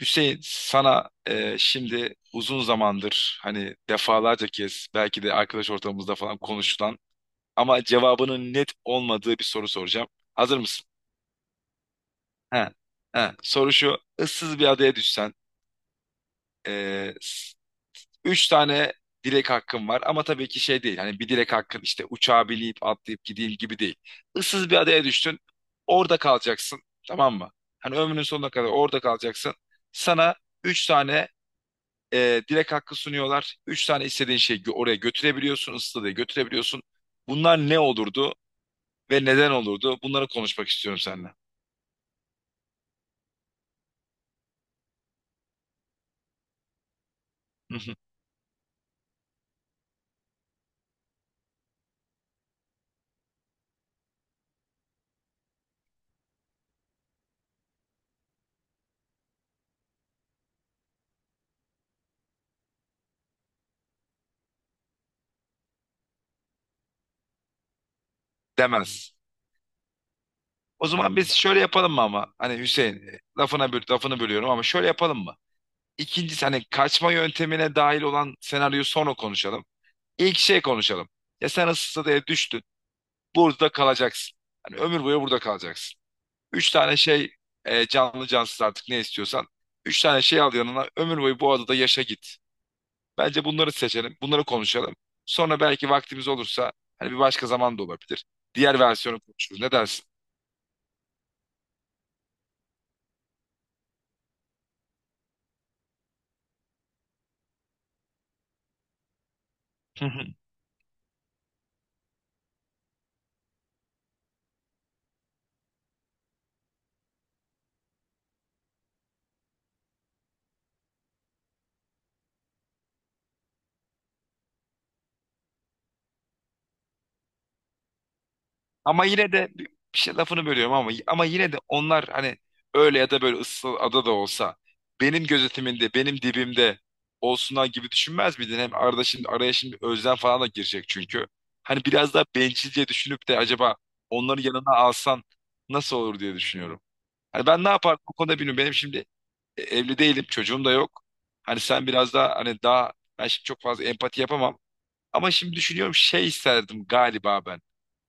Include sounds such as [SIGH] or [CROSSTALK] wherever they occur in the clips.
Hüseyin, sana şimdi uzun zamandır, hani, defalarca kez belki de arkadaş ortamımızda falan konuşulan ama cevabının net olmadığı bir soru soracağım. Hazır mısın? He. He. Soru şu. Issız bir adaya düşsen e, s- üç tane dilek hakkın var ama tabii ki şey değil. Hani bir dilek hakkın, işte, uçağa binip atlayıp gideyim gibi değil. Issız bir adaya düştün. Orada kalacaksın. Tamam mı? Hani ömrünün sonuna kadar orada kalacaksın. Sana üç tane direkt hakkı sunuyorlar. Üç tane istediğin şeyi oraya götürebiliyorsun, ıstadıya götürebiliyorsun. Bunlar ne olurdu ve neden olurdu? Bunları konuşmak istiyorum seninle. [LAUGHS] Demez. O zaman biz şöyle yapalım mı ama? Hani Hüseyin, lafını bölüyorum ama şöyle yapalım mı? İkincisi, hani, kaçma yöntemine dahil olan senaryoyu sonra konuşalım. İlk şey konuşalım. Ya sen ıstadıya düştün. Burada kalacaksın. Hani ömür boyu burada kalacaksın. Üç tane şey, canlı cansız, artık ne istiyorsan. Üç tane şey al yanına, ömür boyu bu adada yaşa git. Bence bunları seçelim. Bunları konuşalım. Sonra belki vaktimiz olursa, hani, bir başka zaman da olabilir. Diğer versiyonu konuşuruz. Ne dersin? [LAUGHS] Ama yine de bir şey, lafını bölüyorum ama yine de onlar, hani, öyle ya da böyle ıssız ada da olsa benim gözetimimde, benim dibimde olsunlar gibi düşünmez miydin? Hem arada şimdi, araya şimdi özlem falan da girecek çünkü. Hani biraz daha bencilce düşünüp de, acaba onları yanına alsan nasıl olur diye düşünüyorum. Hani ben ne yapardım o konuda bilmiyorum. Benim şimdi, evli değilim, çocuğum da yok. Hani sen biraz daha, hani, daha, ben şimdi çok fazla empati yapamam. Ama şimdi düşünüyorum, şey isterdim galiba ben.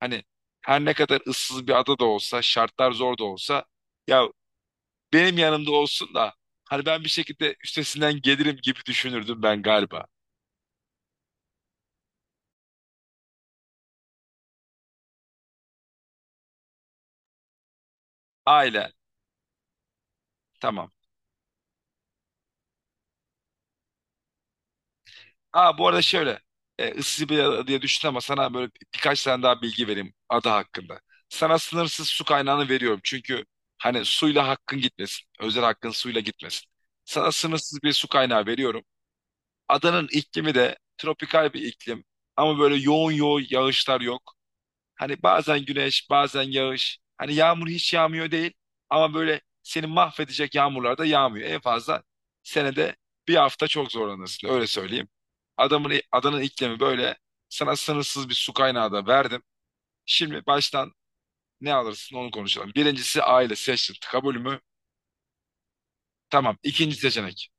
Hani her ne kadar ıssız bir ada da olsa, şartlar zor da olsa, ya, benim yanımda olsun da hani ben bir şekilde üstesinden gelirim gibi düşünürdüm ben galiba. Aile tamam. Aa, bu arada şöyle, ıssız bir ada diye düşün ama sana böyle birkaç tane daha bilgi vereyim ada hakkında. Sana sınırsız su kaynağını veriyorum çünkü, hani, suyla hakkın gitmesin. Özel hakkın suyla gitmesin. Sana sınırsız bir su kaynağı veriyorum. Adanın iklimi de tropikal bir iklim. Ama böyle yoğun yoğun yağışlar yok. Hani bazen güneş, bazen yağış. Hani yağmur hiç yağmıyor değil. Ama böyle seni mahvedecek yağmurlar da yağmıyor. En fazla senede bir hafta çok zorlanırsın. Öyle söyleyeyim. Adanın iklimi böyle. Sana sınırsız bir su kaynağı da verdim. Şimdi baştan ne alırsın onu konuşalım. Birincisi, aile seçtim. Kabul mü? Tamam. İkinci seçenek.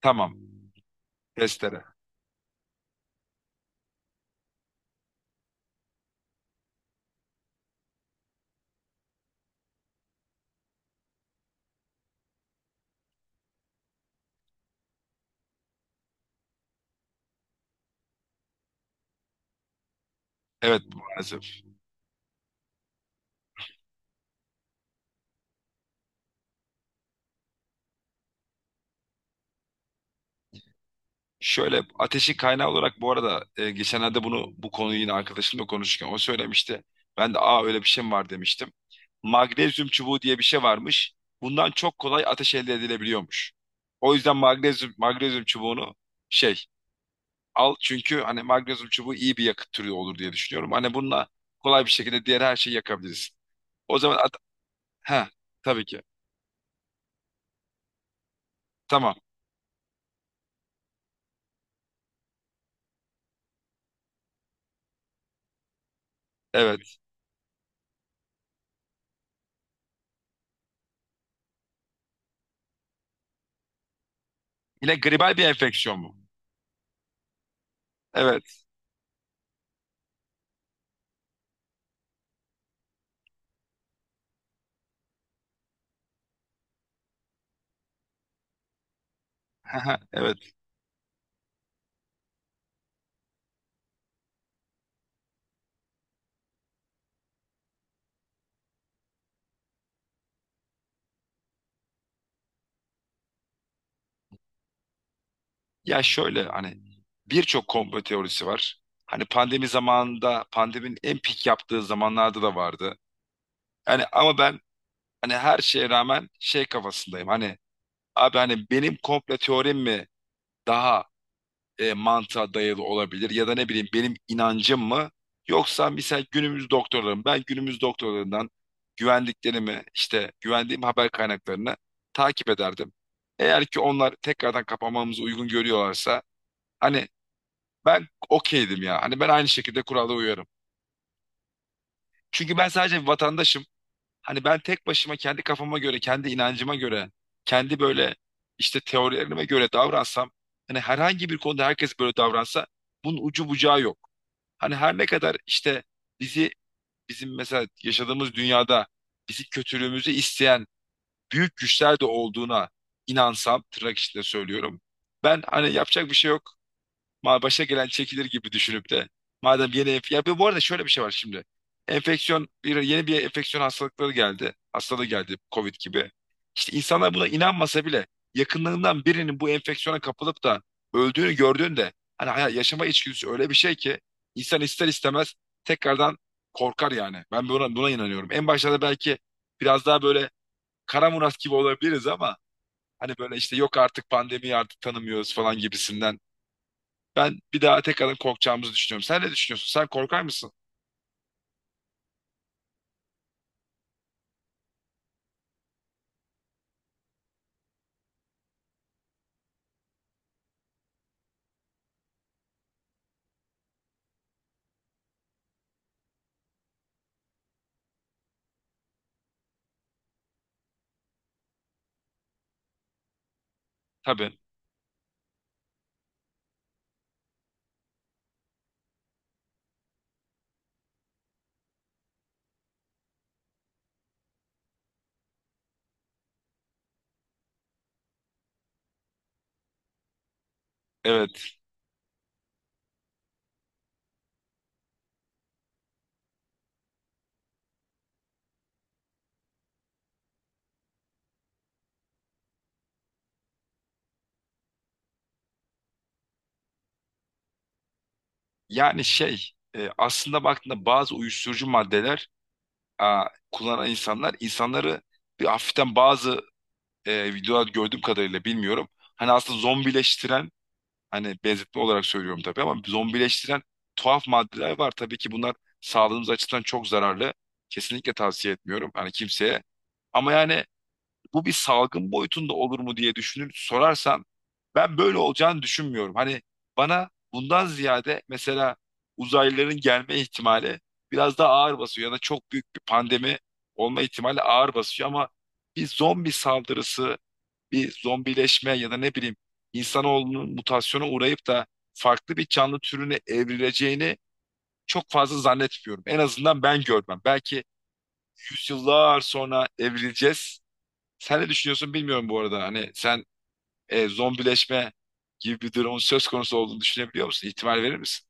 Tamam. Testere. Evet, maalesef. Şöyle, ateşin kaynağı olarak, bu arada, geçenlerde bunu, bu konuyu yine arkadaşımla konuşurken o söylemişti. Ben de, aa, öyle bir şey mi var demiştim. Magnezyum çubuğu diye bir şey varmış. Bundan çok kolay ateş elde edilebiliyormuş. O yüzden magnezyum çubuğunu şey al, çünkü, hani, magnezyum çubuğu iyi bir yakıt türü olur diye düşünüyorum. Hani bununla kolay bir şekilde diğer her şeyi yakabiliriz. O zaman at, ha, tabii ki. Tamam. Evet. Yine gribal bir enfeksiyon mu? Evet. [LAUGHS] Evet. Ya, şöyle, hani, birçok komplo teorisi var. Hani pandemi zamanında, pandeminin en pik yaptığı zamanlarda da vardı. Yani, ama, ben, hani, her şeye rağmen şey kafasındayım. Hani, abi, hani, benim komplo teorim mi daha mantığa dayalı olabilir, ya da ne bileyim, benim inancım mı, yoksa mesela günümüz doktorlarım, ben günümüz doktorlarından güvendiklerimi, işte güvendiğim haber kaynaklarını takip ederdim. Eğer ki onlar tekrardan kapanmamızı uygun görüyorlarsa, hani, ben okeydim ya. Hani ben aynı şekilde kurala uyarım. Çünkü ben sadece bir vatandaşım. Hani ben tek başıma kendi kafama göre, kendi inancıma göre, kendi böyle, işte, teorilerime göre davransam, hani herhangi bir konuda herkes böyle davransa, bunun ucu bucağı yok. Hani her ne kadar, işte, bizi, bizim mesela yaşadığımız dünyada bizi, kötülüğümüzü isteyen büyük güçler de olduğuna inansam, tırnak içinde söylüyorum. Ben, hani, yapacak bir şey yok. Başa gelen çekilir gibi düşünüp de. Ya bu arada, şöyle bir şey var şimdi. Enfeksiyon, bir yeni bir enfeksiyon hastalıkları geldi. Hastalığı geldi, Covid gibi. İşte, insanlar buna inanmasa bile, yakınlarından birinin bu enfeksiyona kapılıp da öldüğünü gördüğünde, hani, yaşama içgüdüsü öyle bir şey ki insan ister istemez tekrardan korkar yani. Ben buna inanıyorum. En başlarda belki biraz daha böyle Kara Murat gibi olabiliriz ama, hani, böyle, işte, yok artık, pandemiyi artık tanımıyoruz falan gibisinden, ben bir daha tekrardan korkacağımızı düşünüyorum. Sen ne düşünüyorsun? Sen korkar mısın? Tabii. Evet. Yani, şey, aslında baktığında bazı uyuşturucu maddeler, a, kullanan insanlar, insanları bir hafiften, bazı videolar gördüğüm kadarıyla bilmiyorum. Hani aslında zombileştiren, hani, benzetme olarak söylüyorum tabii, ama zombileştiren tuhaf maddeler var. Tabii ki bunlar sağlığımız açısından çok zararlı. Kesinlikle tavsiye etmiyorum, hani, kimseye. Ama yani bu bir salgın boyutunda olur mu diye düşünür sorarsan, ben böyle olacağını düşünmüyorum. Hani bana bundan ziyade mesela uzaylıların gelme ihtimali biraz daha ağır basıyor, ya da çok büyük bir pandemi olma ihtimali ağır basıyor, ama bir zombi saldırısı, bir zombileşme, ya da ne bileyim insanoğlunun mutasyona uğrayıp da farklı bir canlı türüne evrileceğini çok fazla zannetmiyorum. En azından ben görmem. Belki yüzyıllar sonra evrileceğiz. Sen ne düşünüyorsun bilmiyorum bu arada. Hani sen, zombileşme gibi bir durumun söz konusu olduğunu düşünebiliyor musun? İhtimal verir misin?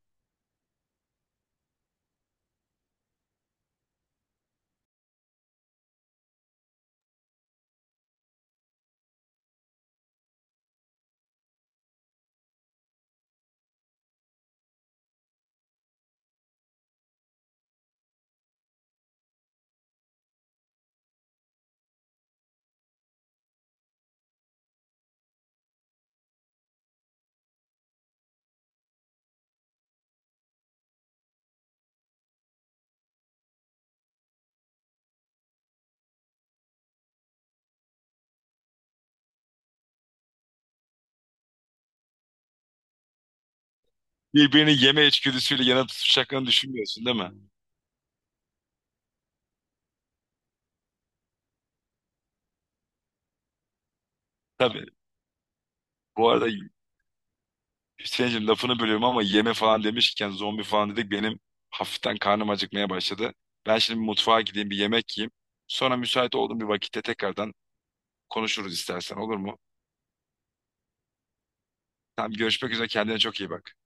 Birbirini yeme içgüdüsüyle yana tutuşacaklarını düşünmüyorsun, değil mi? Tabii. Bu arada Hüseyin'cim, lafını bölüyorum ama, yeme falan demişken, zombi falan dedik, benim hafiften karnım acıkmaya başladı. Ben şimdi bir mutfağa gideyim, bir yemek yiyeyim. Sonra müsait olduğum bir vakitte tekrardan konuşuruz istersen, olur mu? Tamam, görüşmek üzere, kendine çok iyi bak.